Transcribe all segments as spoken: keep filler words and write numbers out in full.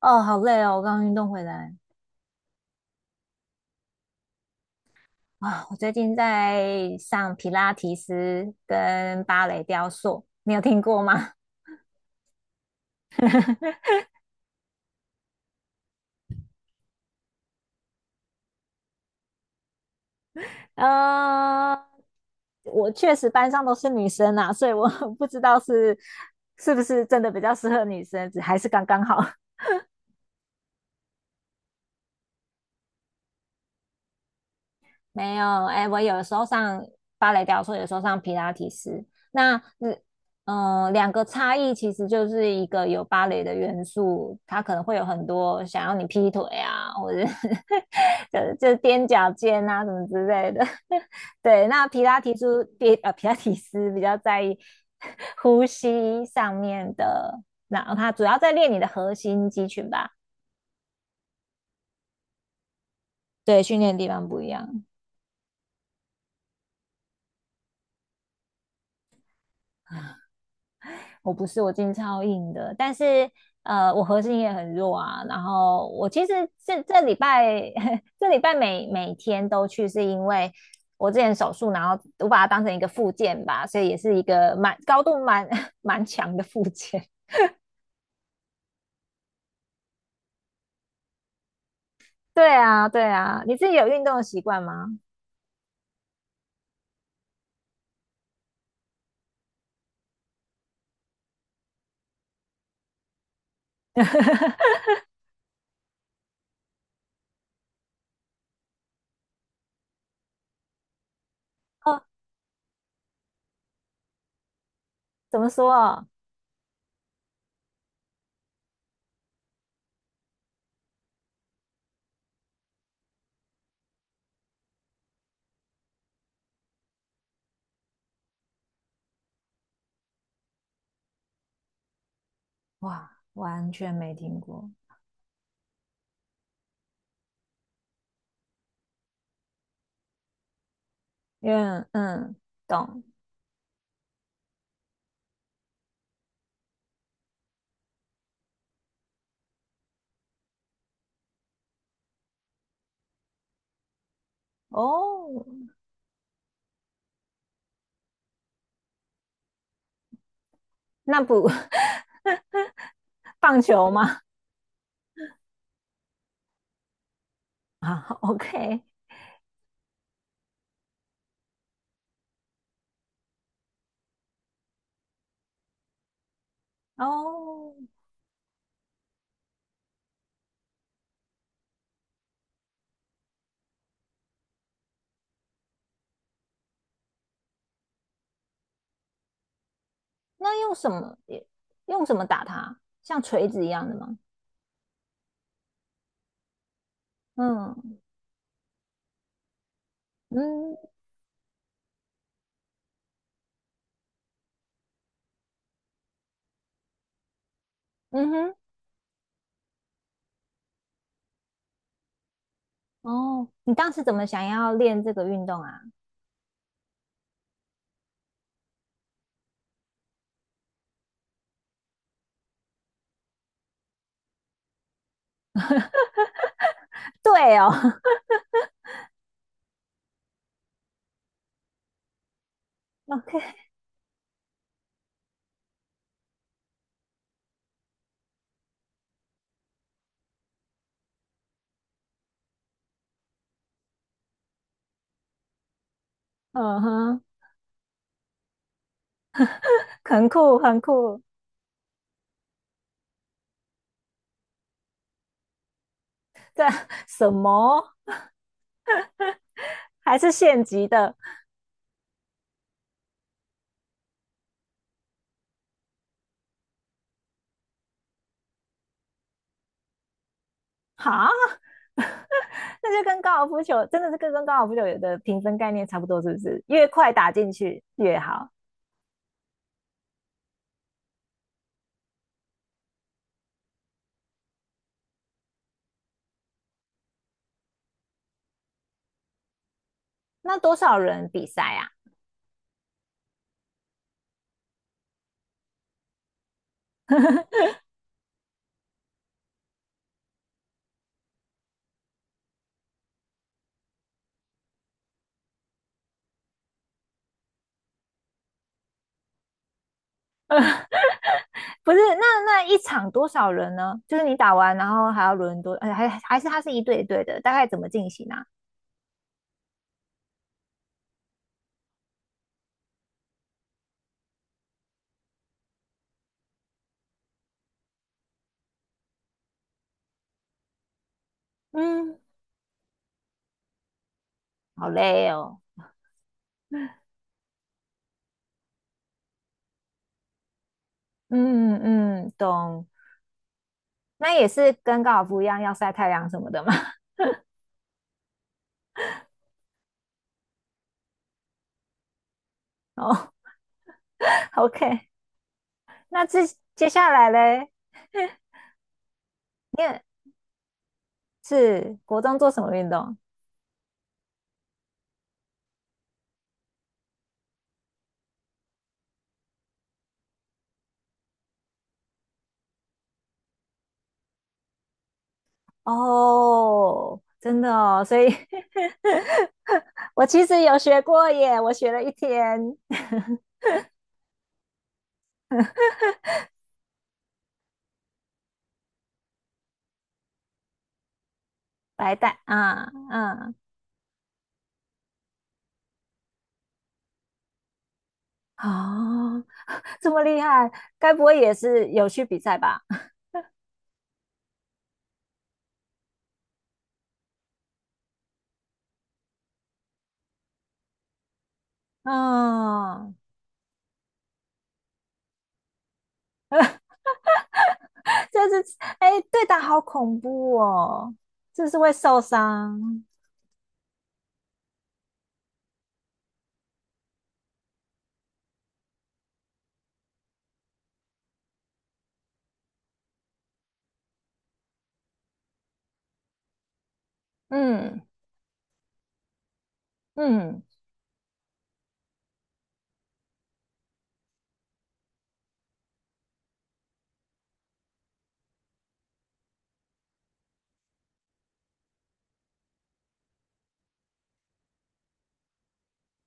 哦，好累哦！我刚运动回来啊，我最近在上皮拉提斯跟芭蕾雕塑，你有听过吗？呃，我确实班上都是女生啊，所以我 不知道是是不是真的比较适合女生，只还是刚刚好。没有，哎，我有的时候上芭蕾雕塑，有时候上皮拉提斯。那嗯、呃两个差异其实就是一个有芭蕾的元素，它可能会有很多想要你劈腿啊，或者是 就就是踮脚尖啊什么之类的。对，那皮拉提斯比呃皮拉提斯比较在意 呼吸上面的，那它主要在练你的核心肌群吧？对，训练的地方不一样。我不是，我筋超硬的，但是呃，我核心也很弱啊。然后我其实这这礼拜 这礼拜每每天都去，是因为我之前手术，然后我把它当成一个附件吧，所以也是一个蛮高度蛮 蛮强的附件。对啊，对啊，你自己有运动的习惯吗？哦，怎么说哦？哇，完全没听过。嗯嗯，懂哦。那不 棒球吗？啊，OK,哦，那用什么用什么打它？像锤子一样的吗？嗯嗯，嗯哼，哦，你当时怎么想要练这个运动啊？对哦 ，OK,嗯哼，很酷很酷。对，什么？还是县级的？好，那就跟高尔夫球真的是跟跟高尔夫球有的评分概念差不多，是不是？越快打进去越好。那多少人比赛啊？不是，那那一场多少人呢？就是你打完，然后还要轮多，呃还还是它是一对一对的，大概怎么进行啊？嗯，好累哦。嗯嗯，懂。那也是跟高尔夫一样要晒太阳什么的嘛。哦，OK。那接接下来嘞，是国中做什么运动？哦，真的哦，所以 我其实有学过耶，我学了一天白带，啊，嗯，哦。这么厉害，该不会也是有去比赛吧？嗯，这是哎，对打好恐怖哦，这是会受伤。嗯嗯，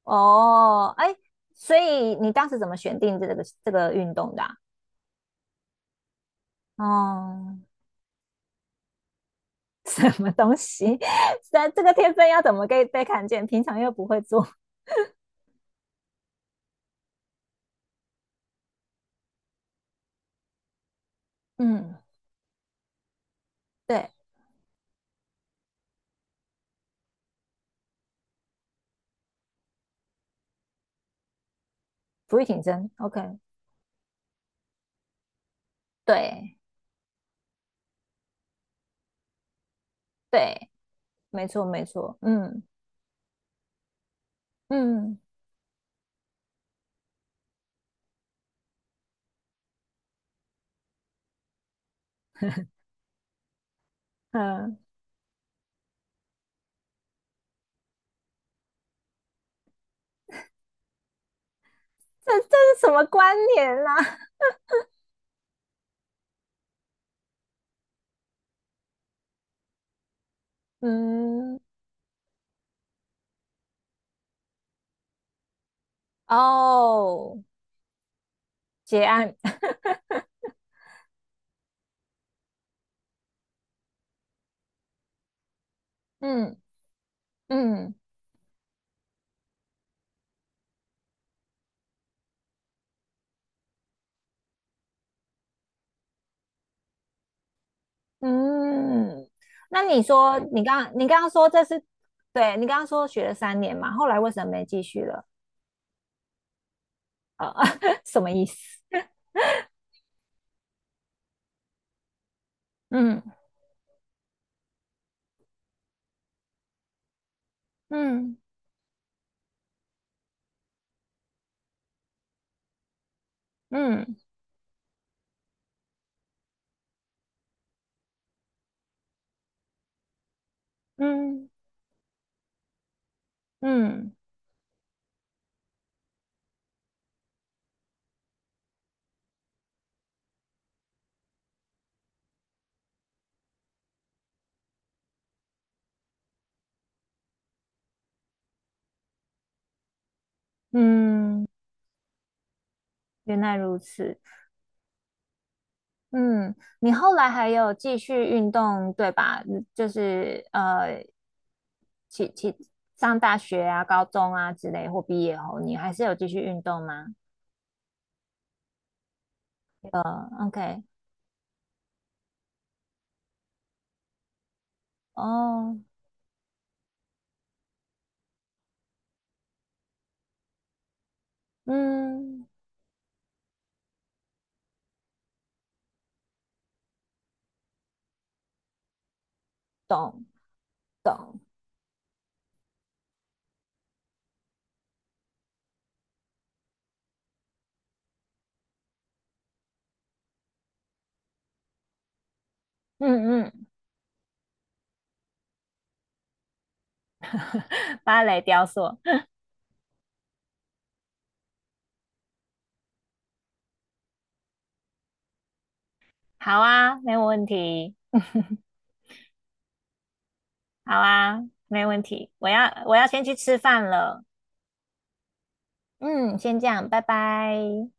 哦，哎，所以你当时怎么选定这个这个运动的啊？哦，什么东西？这这个天分要怎么被被看见？平常又不会做。嗯，对，不会挺身。OK,对对，没错没错。嗯嗯嗯。这这是什么关联啦、啊 嗯，哦，结案，嗯嗯嗯。那你说，你刚你刚刚说这是，对，你刚刚说学了三年嘛，后来为什么没继续了？什么意思？嗯嗯嗯嗯嗯嗯，原来如此。嗯，你后来还有继续运动，对吧？嗯就是呃，起起上大学啊、高中啊之类，或毕业后，你还是有继续运动吗？呃，OK,哦，嗯，懂懂，嗯嗯，芭蕾雕塑，好啊，没问题，好啊，没问题，我要我要先去吃饭了，嗯，先这样，拜拜。